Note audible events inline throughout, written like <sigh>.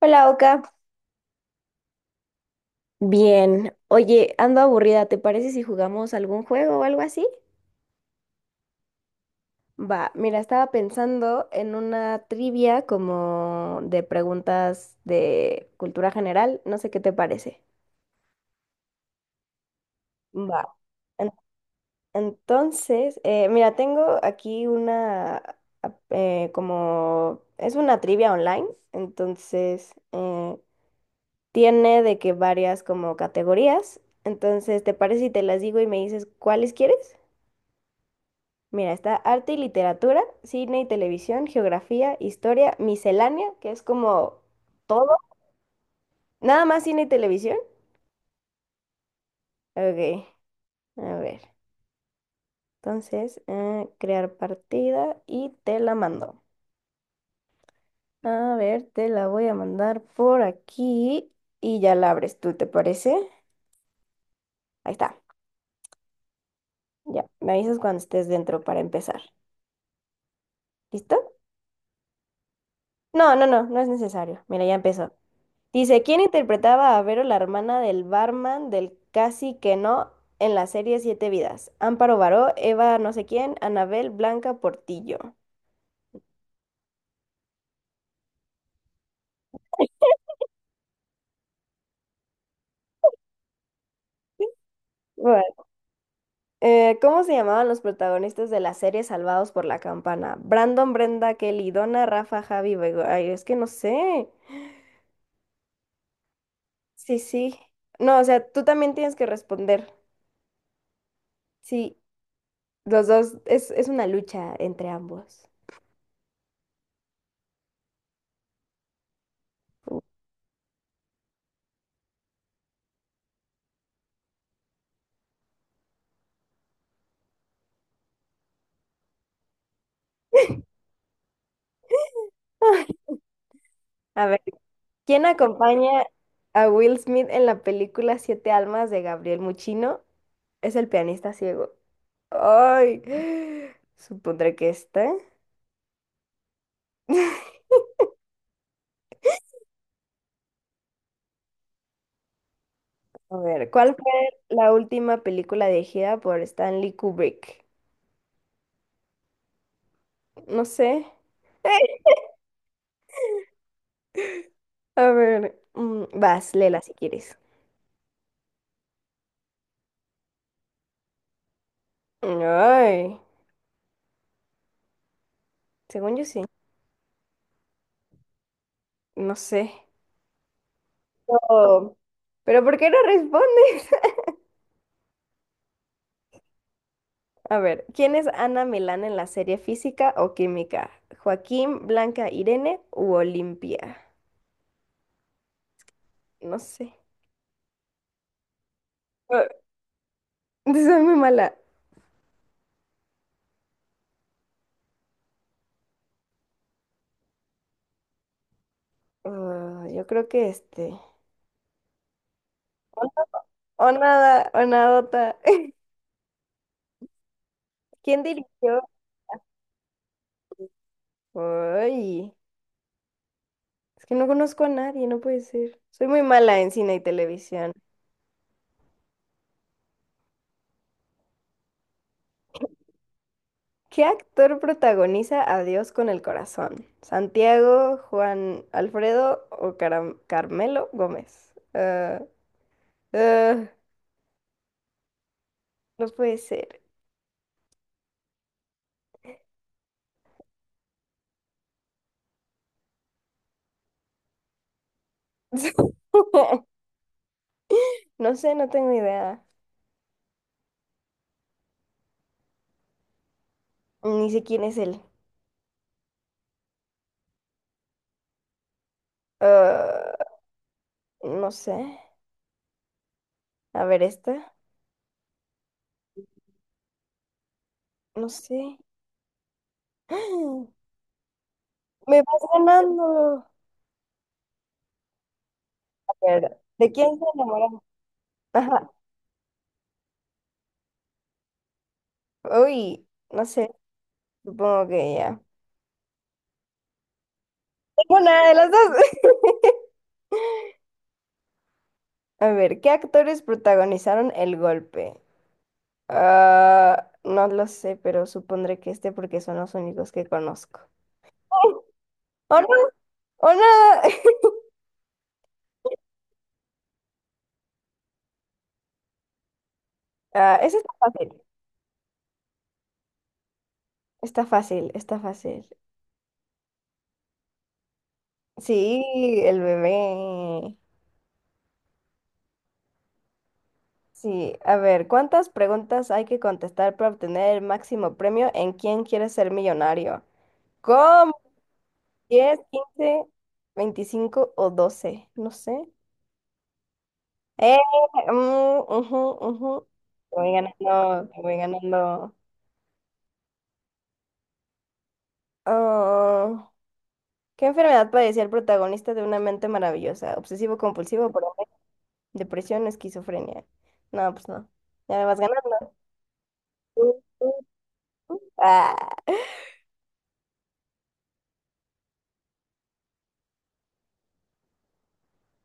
Hola, Oka. Bien. Oye, ando aburrida. ¿Te parece si jugamos algún juego o algo así? Va, mira, estaba pensando en una trivia como de preguntas de cultura general. No sé qué te parece. Va. En- Entonces, mira, tengo aquí una como es una trivia online, entonces tiene de que varias como categorías. Entonces, ¿te parece si te las digo y me dices cuáles quieres? Mira, está arte y literatura, cine y televisión, geografía, historia, miscelánea, que es como todo. Nada más cine y televisión. Ok, a ver. Entonces, crear partida y te la mando. A ver, te la voy a mandar por aquí y ya la abres tú, ¿te parece? Ahí está. Ya, me avisas cuando estés dentro para empezar. ¿Listo? No, no, no, no es necesario. Mira, ya empezó. Dice, ¿quién interpretaba a Vero, la hermana del barman del Casi que no en la serie Siete Vidas? Amparo Baró, Eva no sé quién, Anabel Blanca Portillo. Bueno, ¿cómo se llamaban los protagonistas de la serie Salvados por la Campana? Brandon, Brenda, Kelly, Donna, Rafa, Javi, Bego. Ay, es que no sé. Sí, sí. No, o sea, tú también tienes que responder. Sí, los dos, es una lucha entre ambos. <laughs> A ver. ¿Quién acompaña a Will Smith en la película Siete Almas de Gabriel Muchino? Es el pianista ciego. Ay, <gasps> supondré que está. A ver, ¿cuál fue la última película dirigida por Stanley Kubrick? No sé. <laughs> A ver, vas, léela si quieres. Ay, según yo sí. No sé. Oh, pero ¿por qué no responde? A ver, ¿quién es Ana Milán en la serie Física o Química? ¿Joaquín, Blanca, Irene u Olimpia? No sé. Ah, <laughs> soy muy mala. Ah, yo creo que este. O nada, o nadota. <laughs> ¿Quién dirigió? Ay, es que no conozco a nadie, no puede ser. Soy muy mala en cine y televisión. ¿Qué actor protagoniza Adiós con el corazón? ¿Santiago, Juan Alfredo o Carmelo Gómez? Ah, ah. No puede ser. <laughs> No sé, no tengo idea. Ni sé quién es él. Ah, no sé. A ver, esta. No sé. <gasps> ¡Ah! Me vas ganando. A ver, ¿de quién se enamoró? Ajá. Uy, no sé. Supongo que ya. Tengo nada de las dos. <laughs> A ver, ¿qué actores protagonizaron el golpe? Ah, no lo sé, pero supondré que este porque son los únicos que conozco. <laughs> ¡O no! ¡O no! <laughs> Ah, eso está fácil. Está fácil, está fácil. Sí, el bebé. Sí, a ver, ¿cuántas preguntas hay que contestar para obtener el máximo premio en ¿Quién quiere ser millonario? ¿Cómo? 10, 15, 25 o 12. No sé. Eh, mm, ujú, ujú. Te voy ganando, te voy ganando. Ah, ¿qué enfermedad padecía el protagonista de Una mente maravillosa? Obsesivo compulsivo, por depresión, esquizofrenia. No, pues no. Ya me vas ganando. Uh, uh, ah.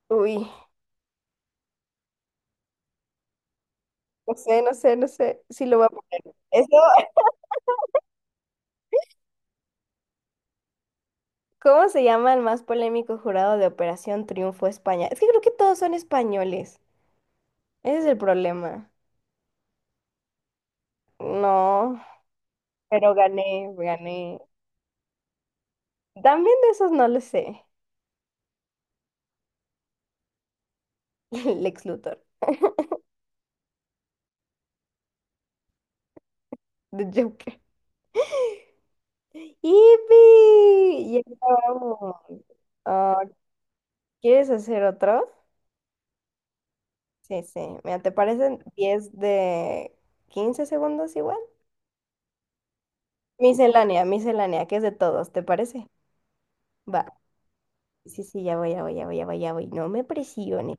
Uy, no sé, no sé, no sé si lo voy a poner. Eso, <laughs> ¿cómo se llama el más polémico jurado de Operación Triunfo España? Es que creo que todos son españoles. Ese es el problema. No, pero gané, gané. También de esos no lo sé. <laughs> Lex Luthor, The Joker. ¡Yipi! Ya acabamos. Ah, ¿quieres hacer otro? Sí, sí. Mira, ¿te parecen 10 de 15 segundos igual? Miscelánea, miscelánea, que es de todos, ¿te parece? Va. Sí, sí, ya voy, ya voy, ya voy, ya voy, ya voy. No me presiones.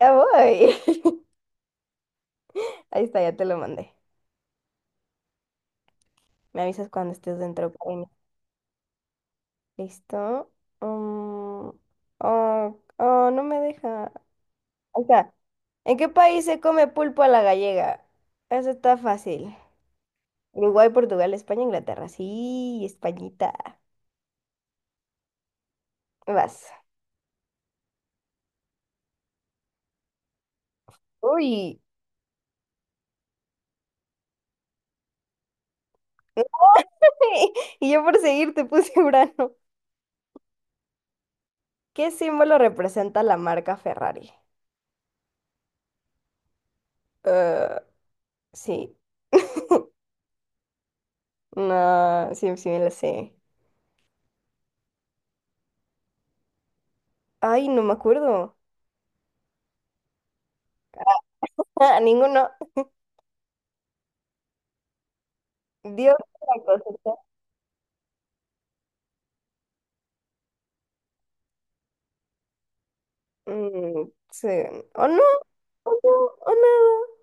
Ya voy. <laughs> Ahí está, ya te lo mandé. Me avisas cuando estés dentro, Karina. ¿Listo? Mm, oh, oh, no me deja. Ahí está. ¿En qué país se come pulpo a la gallega? Eso está fácil. Uruguay, Portugal, España, Inglaterra. Sí, Españita. Vas. Uy. <laughs> Y yo por seguir te puse <laughs> Urano. ¿Qué símbolo representa la marca Ferrari? Eh, sí. <laughs> No, sí, sí me la sé. Ay, no me acuerdo. Ah, ninguno. Dios la cosecha. Mm, sí. ¿O no? ¿O no? ¿O nada?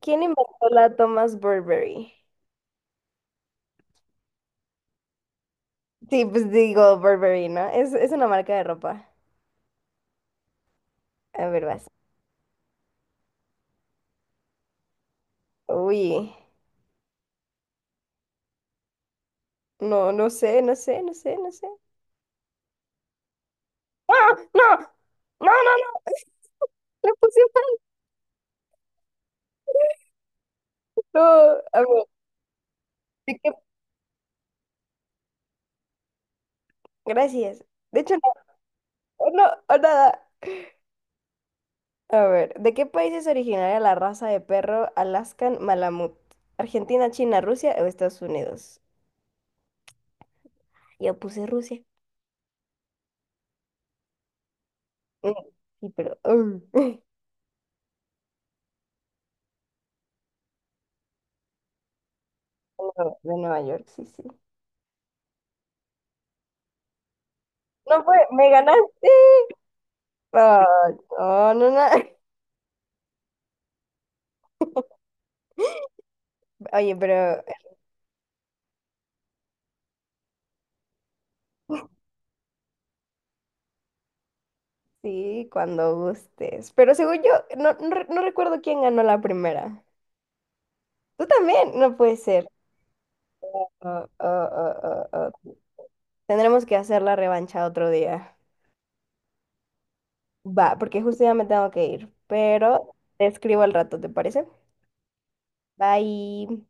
¿Quién inventó la Thomas Burberry? Sí, pues digo Burberry, ¿no? Es una marca de ropa. A ver, vas. Uy. No, no sé, no sé, no sé, no sé. ¡Ah! ¡No! ¡No, no, no! <laughs> Le puse mal. No, a ver, ¿de qué? Gracias. De hecho, no, no, o nada. A ver, ¿de qué país es originaria la raza de perro Alaskan Malamut? ¿Argentina, China, Rusia o Estados Unidos? Yo puse Rusia. Mm, sí, pero... <laughs> De de Nueva York, sí, sí. No fue, me ganaste. Ah, no, no, no. <laughs> Oye, pero sí, cuando gustes. Pero según yo, no, no, no recuerdo quién ganó la primera. Tú también, no puede ser. Oh, oh, oh, oh, oh. Tendremos que hacer la revancha otro día. Va, porque justo ya me tengo que ir, pero te escribo al rato, ¿te parece? Bye.